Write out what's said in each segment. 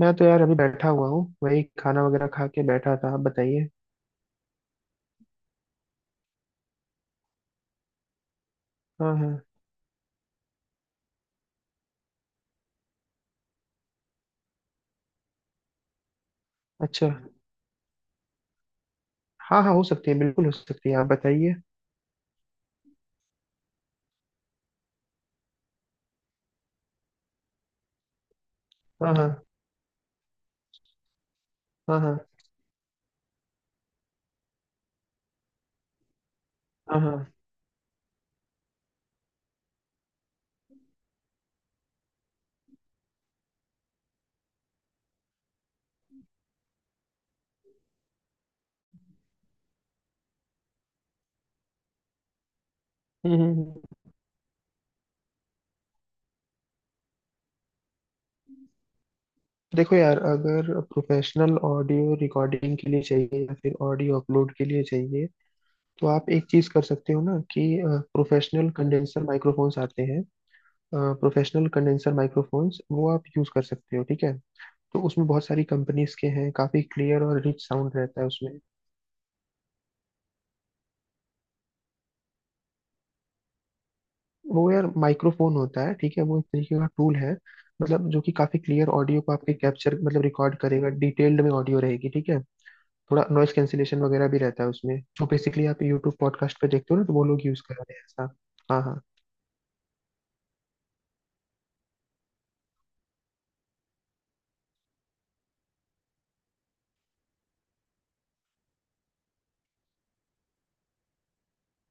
मैं तो यार अभी बैठा हुआ हूँ। वही खाना वगैरह खा के बैठा था। आप बताइए। हाँ हाँ। अच्छा। हाँ हाँ, हो सकती है, बिल्कुल हो सकती है। आप बताइए। हाँ हाँ हाँ हाँ हाँ हाँ। हम्म हम्म, हम्म। देखो यार, अगर प्रोफेशनल ऑडियो रिकॉर्डिंग के लिए चाहिए या फिर ऑडियो अपलोड के लिए चाहिए तो आप एक चीज कर सकते हो ना कि प्रोफेशनल कंडेंसर माइक्रोफोन्स आते हैं। प्रोफेशनल कंडेंसर माइक्रोफोन्स वो आप यूज कर सकते हो। ठीक है। तो उसमें बहुत सारी कंपनीज के हैं, काफी क्लियर और रिच साउंड रहता है उसमें। वो यार माइक्रोफोन होता है। ठीक है। वो एक तरीके का टूल है। मतलब जो कि काफी क्लियर ऑडियो को आपके कैप्चर मतलब रिकॉर्ड करेगा, डिटेल्ड में ऑडियो रहेगी। ठीक है। थोड़ा नॉइस कैंसिलेशन वगैरह भी रहता है उसमें, जो बेसिकली आप यूट्यूब पॉडकास्ट पे देखते हो ना, तो वो लोग यूज कर रहे हैं ऐसा। हाँ हाँ।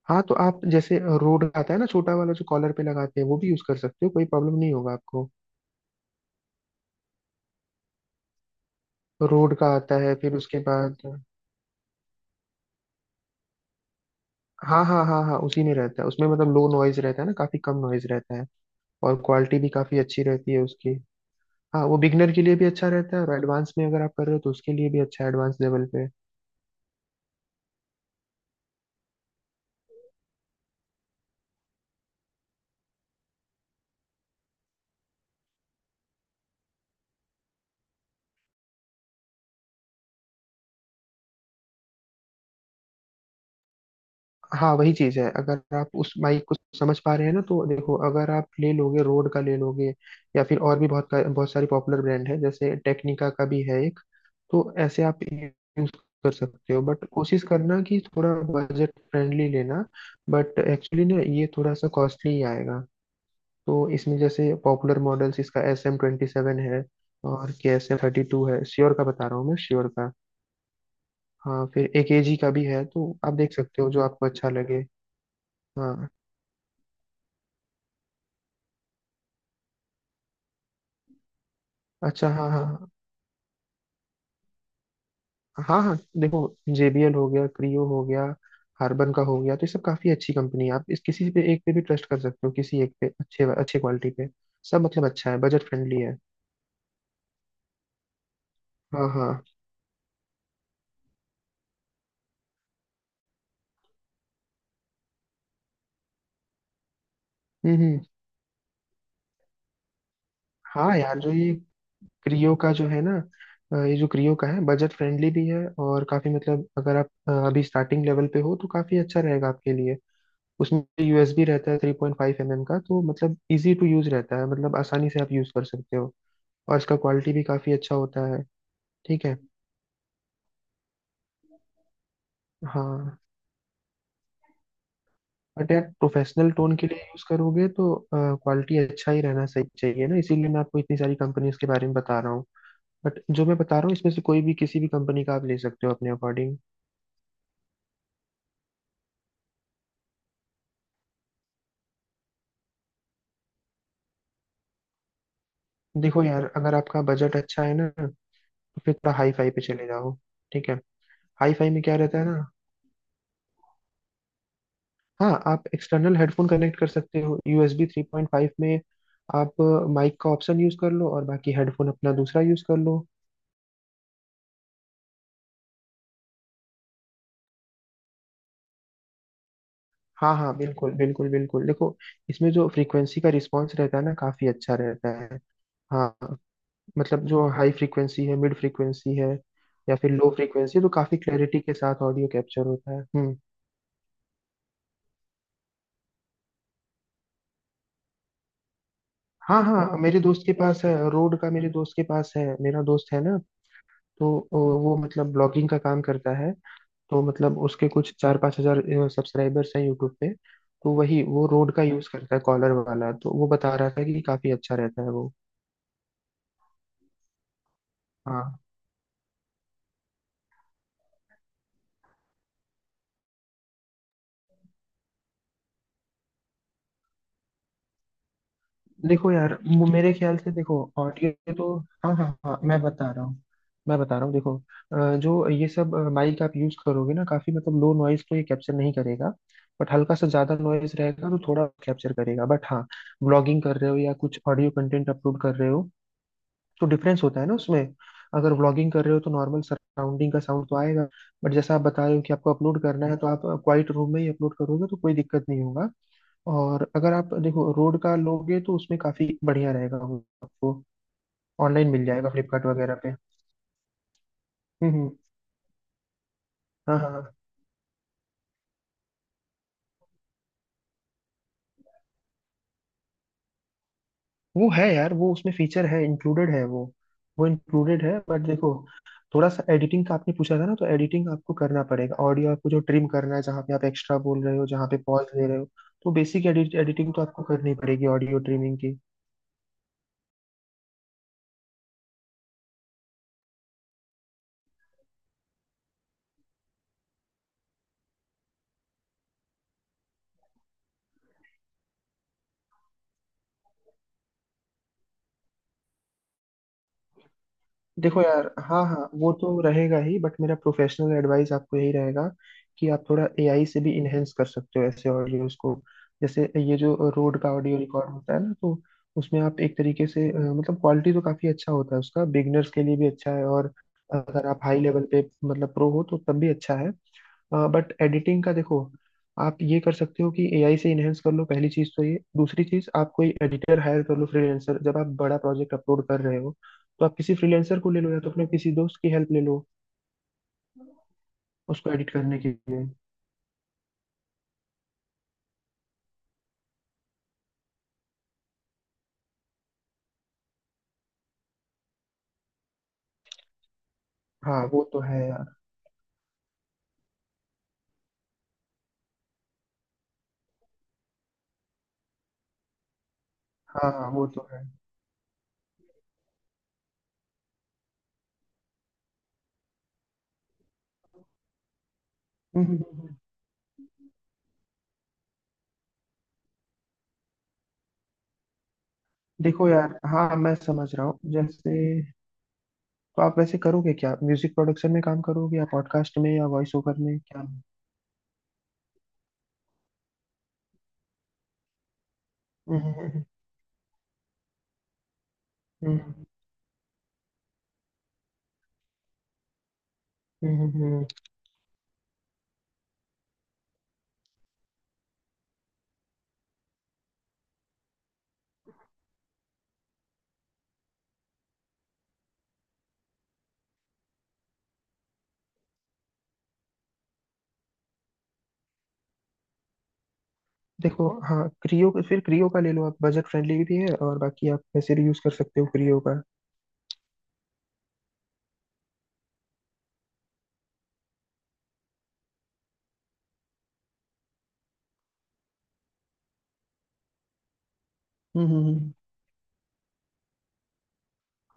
हाँ, तो आप जैसे रोड का आता है ना छोटा वाला जो कॉलर पे लगाते हैं, वो भी यूज कर सकते हो, कोई प्रॉब्लम नहीं होगा आपको। रोड का आता है फिर उसके बाद। हाँ हाँ हाँ हाँ, उसी में रहता है उसमें। मतलब लो नॉइज रहता है ना, काफी कम नॉइज रहता है। और क्वालिटी भी काफी अच्छी रहती है उसकी। हाँ, वो बिगनर के लिए भी अच्छा रहता है और एडवांस में अगर आप कर रहे हो तो उसके लिए भी अच्छा है, एडवांस लेवल पे। हाँ, वही चीज़ है। अगर आप उस माइक को समझ पा रहे हैं ना, तो देखो, अगर आप ले लोगे रोड का ले लोगे, या फिर और भी बहुत बहुत सारी पॉपुलर ब्रांड है, जैसे टेक्निका का भी है एक। तो ऐसे आप यूज कर सकते हो, बट कोशिश करना कि थोड़ा बजट फ्रेंडली लेना। बट एक्चुअली ना ये थोड़ा सा कॉस्टली ही आएगा। तो इसमें जैसे पॉपुलर मॉडल्स इसका SM27 है, और KSM32 है। श्योर का बता रहा हूँ मैं, श्योर का। हाँ, फिर एक एजी का भी है, तो आप देख सकते हो जो आपको अच्छा लगे। हाँ। अच्छा। हाँ हाँ हाँ हाँ हाँ, देखो, जेबीएल हो गया, क्रियो हो गया, हार्बन का हो गया, तो ये सब काफी अच्छी कंपनी है। आप इस किसी पे, एक पे भी ट्रस्ट कर सकते हो, किसी एक पे अच्छे अच्छे क्वालिटी पे। सब मतलब अच्छा है, बजट फ्रेंडली है। हाँ हाँ। हम्म। हाँ यार, जो ये क्रियो का जो है ना, ये जो क्रियो का है बजट फ्रेंडली भी है, और काफी मतलब अगर आप अभी स्टार्टिंग लेवल पे हो तो काफी अच्छा रहेगा आपके लिए। उसमें यूएसबी रहता है 3.5 mm का, तो मतलब इजी टू यूज रहता है, मतलब आसानी से आप यूज कर सकते हो। और इसका क्वालिटी भी काफी अच्छा होता है। ठीक है। हाँ, बट यार प्रोफेशनल टोन के लिए यूज करोगे तो क्वालिटी अच्छा ही रहना सही चाहिए ना, इसीलिए मैं आपको इतनी सारी कंपनीज के बारे में बता रहा हूँ। बट जो मैं बता रहा हूँ इसमें से कोई भी किसी भी कंपनी का आप ले सकते हो अपने अकॉर्डिंग। देखो यार, अगर आपका बजट अच्छा है ना तो फिर थोड़ा हाई फाई पे चले जाओ। ठीक है। हाई फाई में क्या रहता है ना, हाँ, आप एक्सटर्नल हेडफोन कनेक्ट कर सकते हो यूएसबी 3.5 mm में। आप माइक का ऑप्शन यूज कर लो और बाकी हेडफोन अपना दूसरा यूज कर लो। हाँ हाँ बिल्कुल बिल्कुल बिल्कुल, देखो, इसमें जो फ्रीक्वेंसी का रिस्पॉन्स रहता है ना काफी अच्छा रहता है। हाँ, मतलब जो हाई फ्रीक्वेंसी है, मिड फ्रीक्वेंसी है या फिर लो फ्रीक्वेंसी, तो काफी क्लैरिटी के साथ ऑडियो कैप्चर होता है। हम्म। हाँ हाँ, मेरे दोस्त के पास है रोड का, मेरे दोस्त के पास है, मेरा दोस्त है ना, तो वो मतलब ब्लॉगिंग का काम करता है, तो मतलब उसके कुछ चार पाँच हजार सब्सक्राइबर्स हैं यूट्यूब पे। तो वही वो रोड का यूज करता है, कॉलर वाला, तो वो बता रहा था कि काफी अच्छा रहता है वो। हाँ। देखो यार मेरे ख्याल से देखो, ऑडियो तो हाँ हाँ हाँ, मैं बता रहा हूँ। मैं बता रहा हूँ, देखो, जो ये सब माइक आप यूज करोगे ना, काफी मतलब लो नॉइज तो ये कैप्चर नहीं करेगा, बट हल्का सा ज्यादा नॉइज रहेगा तो थोड़ा कैप्चर करेगा, बट हाँ, ब्लॉगिंग कर रहे हो या कुछ ऑडियो कंटेंट अपलोड कर रहे हो तो डिफरेंस होता है ना उसमें। अगर व्लॉगिंग कर रहे हो तो नॉर्मल सराउंडिंग का साउंड तो आएगा, बट जैसा आप बता रहे हो कि आपको अपलोड करना है, तो आप क्वाइट रूम में ही अपलोड करोगे तो कोई दिक्कत नहीं होगा। और अगर आप देखो रोड का लोगे तो उसमें काफी बढ़िया रहेगा, वो आपको ऑनलाइन मिल जाएगा फ्लिपकार्ट वगैरह पे। हम्म। हाँ हाँ हाँ। वो है यार, वो उसमें फीचर है, इंक्लूडेड है वो। वो इंक्लूडेड है, बट देखो, थोड़ा सा एडिटिंग का आपने पूछा था ना, तो एडिटिंग आपको करना पड़ेगा। ऑडियो आपको जो ट्रिम करना है, जहाँ पे आप एक्स्ट्रा बोल रहे हो, जहाँ पे पॉज ले रहे हो, तो बेसिक एडिटिंग तो आपको करनी पड़ेगी, ऑडियो ट्रिमिंग की। देखो यार, हाँ हाँ, वो तो रहेगा ही, बट मेरा प्रोफेशनल एडवाइस आपको यही रहेगा कि आप थोड़ा एआई से भी इनहेंस कर सकते हो ऐसे ऑडियोज को। जैसे ये जो रोड का ऑडियो रिकॉर्ड होता है ना, तो उसमें आप एक तरीके से मतलब क्वालिटी तो काफी अच्छा होता है उसका, बिगनर्स के लिए भी अच्छा है, और अगर आप हाई लेवल पे मतलब प्रो हो तो तब भी अच्छा है। बट एडिटिंग का देखो, आप ये कर सकते हो कि एआई से इनहेंस कर लो, पहली चीज तो ये, दूसरी चीज आप कोई एडिटर हायर कर लो, फ्रीलांसर, जब आप बड़ा प्रोजेक्ट अपलोड कर रहे हो तो आप किसी फ्रीलांसर को ले लो, या तो अपने किसी दोस्त की हेल्प ले लो उसको एडिट करने के लिए। हाँ वो तो है यार। हाँ हाँ, वो तो है हम्म, हम्म, हम्म। देखो यार, हाँ, मैं समझ रहा हूँ, जैसे, तो आप वैसे करोगे क्या, म्यूजिक प्रोडक्शन में काम करोगे या पॉडकास्ट में या वॉइस ओवर में क्या? हम्म। हम्म हम्म, हम्म, देखो हाँ, क्रियो का, फिर क्रियो का ले लो आप, बजट फ्रेंडली भी है और बाकी आप वैसे भी यूज कर सकते हो क्रियो का। हम्म हम्म हम्म।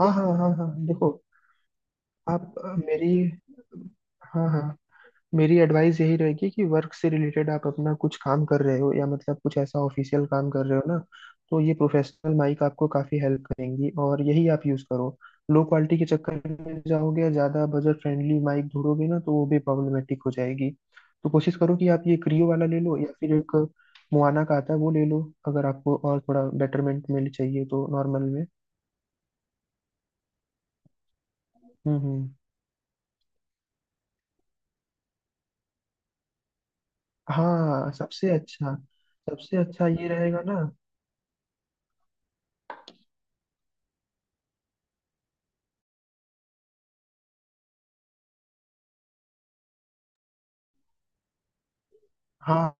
हाँ हाँ हाँ हाँ, देखो, आप मेरी, हाँ हाँ, मेरी एडवाइस यही रहेगी कि वर्क से रिलेटेड आप अपना कुछ काम कर रहे हो या मतलब कुछ ऐसा ऑफिशियल काम कर रहे हो ना, तो ये प्रोफेशनल माइक आपको काफ़ी हेल्प करेंगी और यही आप यूज़ करो। लो क्वालिटी के चक्कर में जाओगे या ज़्यादा बजट फ्रेंडली माइक ढूंढोगे ना, तो वो भी प्रॉब्लमेटिक हो जाएगी। तो कोशिश करो कि आप ये क्रियो वाला ले लो, या फिर एक मुआना का आता है वो ले लो, अगर आपको और थोड़ा बेटरमेंट में चाहिए, तो नॉर्मल में। हम्म। हाँ, सबसे अच्छा, सबसे अच्छा ये रहेगा ना। हाँ,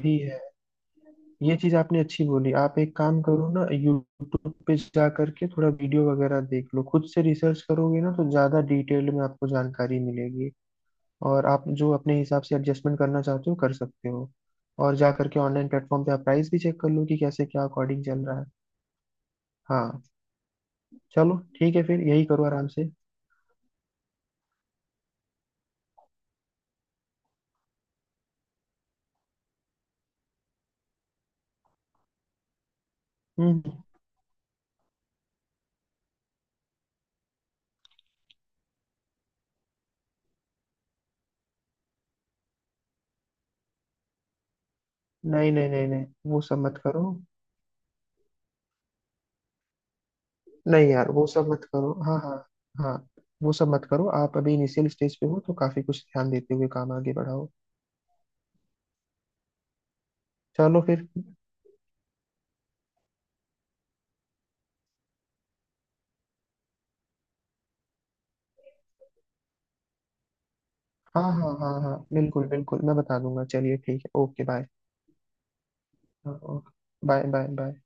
भी है। ये चीज आपने अच्छी बोली, आप एक काम करो ना, यूट्यूब पे जा करके थोड़ा वीडियो वगैरह देख लो, खुद से रिसर्च करोगे ना तो ज्यादा डिटेल में आपको जानकारी मिलेगी, और आप जो अपने हिसाब से एडजस्टमेंट करना चाहते हो कर सकते हो। और जा करके ऑनलाइन प्लेटफॉर्म पे आप प्राइस भी चेक कर लो कि कैसे क्या अकॉर्डिंग चल रहा है। हाँ। चलो ठीक है, फिर यही करो आराम से। हम्म। नहीं नहीं नहीं नहीं, वो सब मत करो। नहीं यार, वो सब मत करो। हाँ हाँ। हाँ। वो सब मत करो। आप अभी इनिशियल स्टेज पे हो तो काफी कुछ ध्यान देते हुए काम आगे बढ़ाओ। चलो फिर। हाँ हाँ हाँ हाँ बिल्कुल बिल्कुल, मैं बता दूंगा। चलिए ठीक है, ओके बाय। हाँ, ओके बाय बाय बाय।